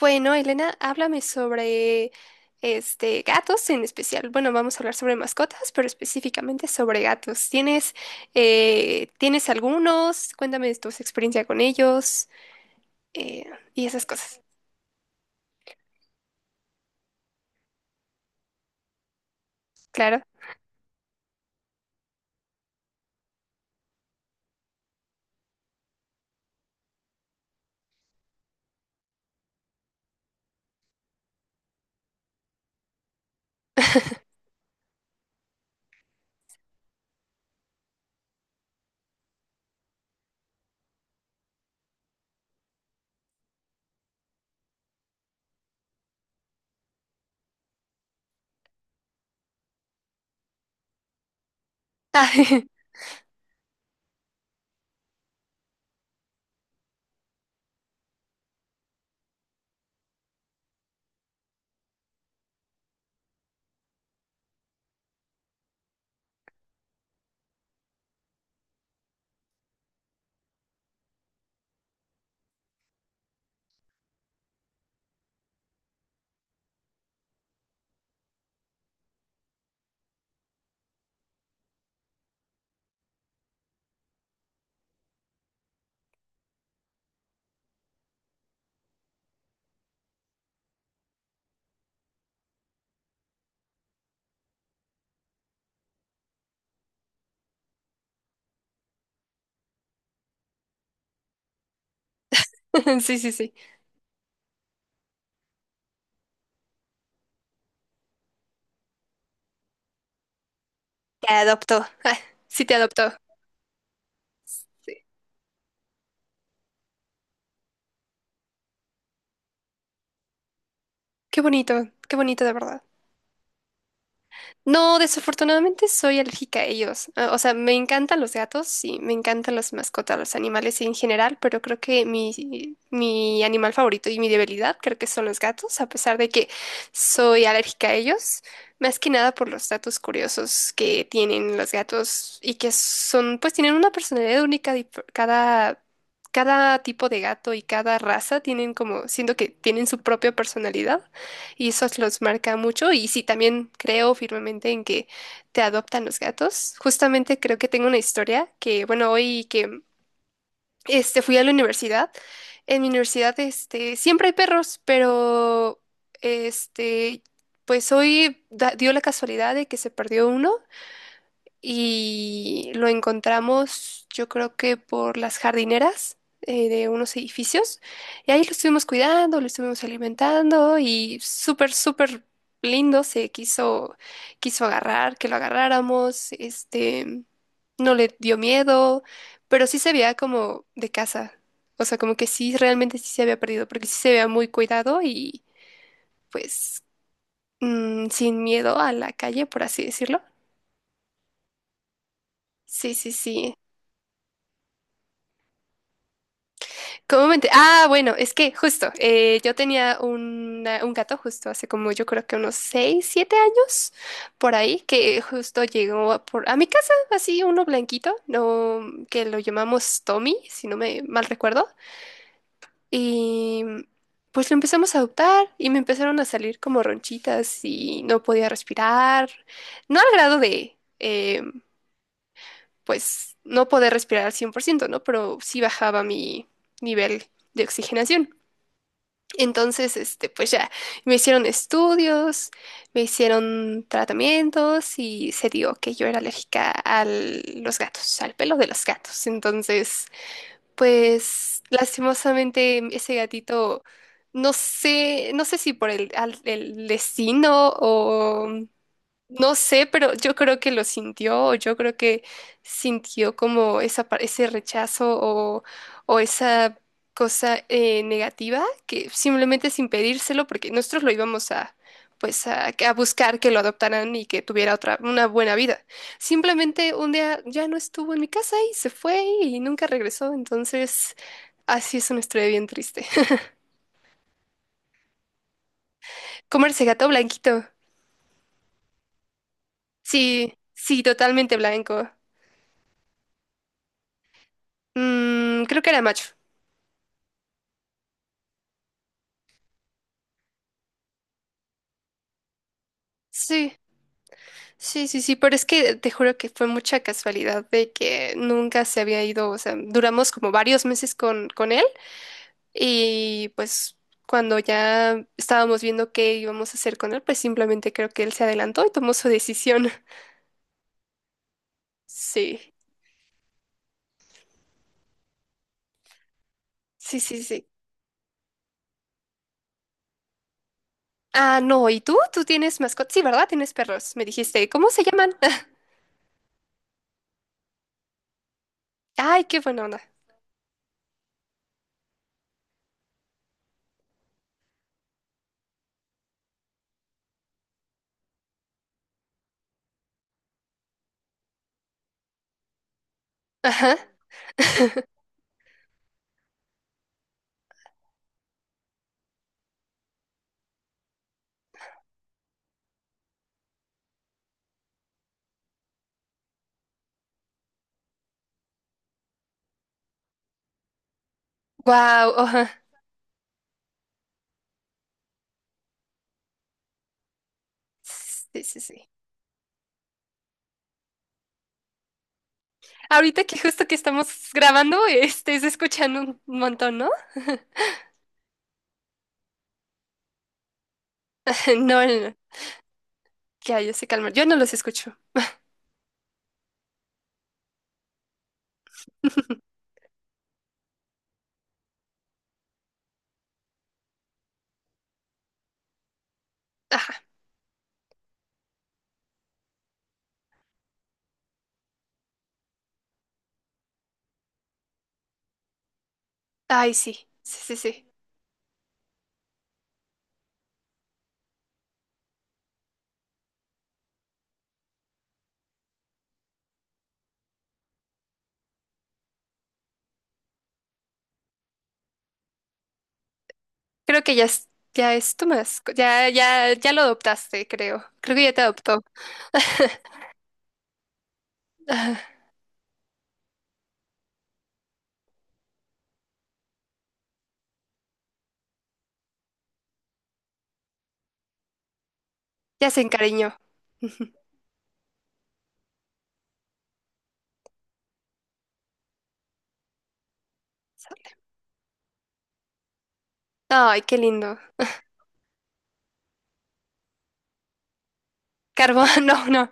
Bueno, Elena, háblame sobre gatos en especial. Bueno, vamos a hablar sobre mascotas, pero específicamente sobre gatos. ¿Tienes algunos? Cuéntame de tu experiencia con ellos eh, y esas cosas. Claro. Ah, sí, sí, sí. Te adoptó. Ah, sí, te adoptó. Sí. Qué bonito de verdad. No, desafortunadamente soy alérgica a ellos. Ah, o sea, me encantan los gatos, sí, me encantan las mascotas, los animales en general, pero creo que mi animal favorito y mi debilidad creo que son los gatos, a pesar de que soy alérgica a ellos, más que nada por los datos curiosos que tienen los gatos y que son, pues tienen una personalidad única, dif- cada tipo de gato y cada raza tienen como, siento que tienen su propia personalidad. Y eso los marca mucho. Y sí, también creo firmemente en que te adoptan los gatos. Justamente creo que tengo una historia que, bueno, hoy que fui a la universidad. En mi universidad, siempre hay perros, pero este, pues hoy da- dio la casualidad de que se perdió uno y lo encontramos, yo creo que por las jardineras de unos edificios. Y ahí lo estuvimos cuidando, lo estuvimos alimentando y súper, súper lindo. Se quiso, quiso agarrar, que lo agarráramos. No le dio miedo, pero sí se veía como de casa. O sea, como que sí, realmente sí se había perdido, porque sí se veía muy cuidado y pues sin miedo a la calle, por así decirlo. Sí, sí, sí. ¿Cómo me enter- Ah, bueno, es que justo, yo tenía una- un gato justo hace como yo creo que unos 6, 7 años por ahí, que justo llegó a, por, a mi casa, así uno blanquito, no, que lo llamamos Tommy, si no me mal recuerdo, y pues lo empezamos a adoptar y me empezaron a salir como ronchitas y no podía respirar, no al grado de, pues, no poder respirar al 100%, ¿no? Pero sí bajaba mi nivel de oxigenación. Entonces, pues ya, me hicieron estudios, me hicieron tratamientos y se dio que yo era alérgica a los gatos, al pelo de los gatos. Entonces, pues lastimosamente ese gatito, no sé, no sé si por el, al- el destino no sé, pero yo creo que lo sintió, o yo creo que sintió como esa, par- ese rechazo o esa cosa negativa que simplemente sin pedírselo, porque nosotros lo íbamos a, pues a buscar que lo adoptaran y que tuviera otra, una buena vida. Simplemente un día ya no estuvo en mi casa y se fue y nunca regresó, entonces así es una historia bien triste. Comerse gato blanquito. Sí, sí, totalmente blanco. Mm, creo que era macho. Sí, sí, sí, sí, pero es que te juro que fue mucha casualidad de que nunca se había ido, o sea, duramos como varios meses con él y pues cuando ya estábamos viendo qué íbamos a hacer con él, pues simplemente creo que él se adelantó y tomó su decisión. Sí, sí, sí, sí. Ah, no, ¿y tú? ¿Tú tienes mascotas? Sí, ¿verdad? Tienes perros, me dijiste. ¿Cómo se llaman? Ay, qué buena onda. Ajá. Wow, ajá. Sí, sí, sí. Ahorita que justo que estamos grabando, se escuchan un montón, ¿no? No, no, que hay se calmar. Yo no los escucho. Ajá. Ay, sí, sí, sí, sí. Creo que ya es tu mascota. Ya, ya, ya lo adoptaste, creo. Creo que ya te adoptó. Ajá. Ya se encariñó. Ujú. Ay, qué lindo. Carbón, no, no.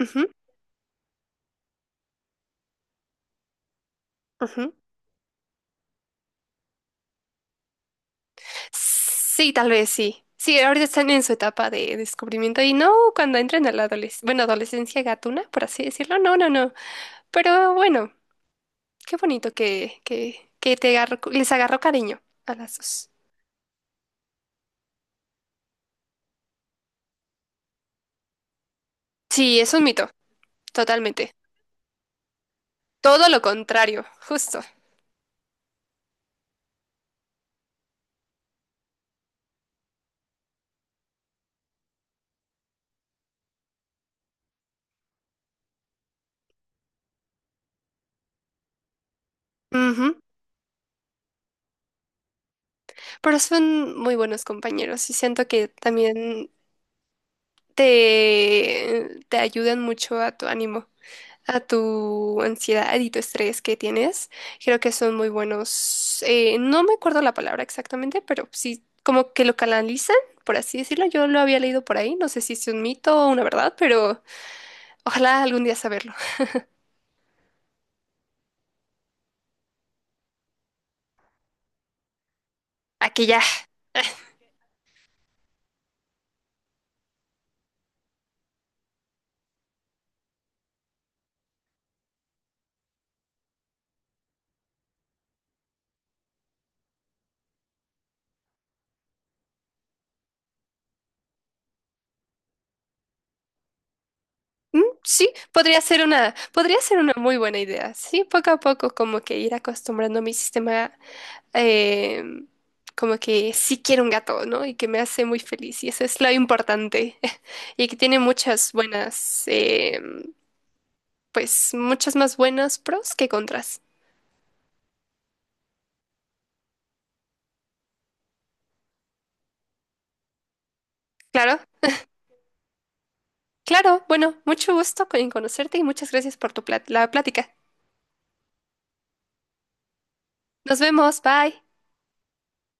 Ujú, ujú. Sí, tal vez sí. Sí, ahorita están en su etapa de descubrimiento y no cuando entren a la adolescencia, bueno, adolescencia gatuna, por así decirlo, no, no, no. Pero bueno, qué bonito que te agarró- les agarró cariño a las dos. Sí, es un mito, totalmente. Todo lo contrario, justo. Ujú. Pero son muy buenos compañeros y siento que también te ayudan mucho a tu ánimo. A tu ansiedad y tu estrés que tienes. Creo que son muy buenos. No me acuerdo la palabra exactamente, pero sí, como que lo canalizan, por así decirlo. Yo lo había leído por ahí. No sé si es un mito o una verdad, pero ojalá algún día saberlo. Aquí ya. Mm, sí, podría ser una muy buena idea. Sí, poco a poco como que ir acostumbrando mi sistema eh, como que sí quiero un gato, ¿no? Y que me hace muy feliz. Y eso es lo importante. Y que tiene muchas buenas, pues muchas más buenas pros que contras. Claro, claro. Bueno, mucho gusto en conocerte y muchas gracias por tu plat- la plática. Nos vemos, bye.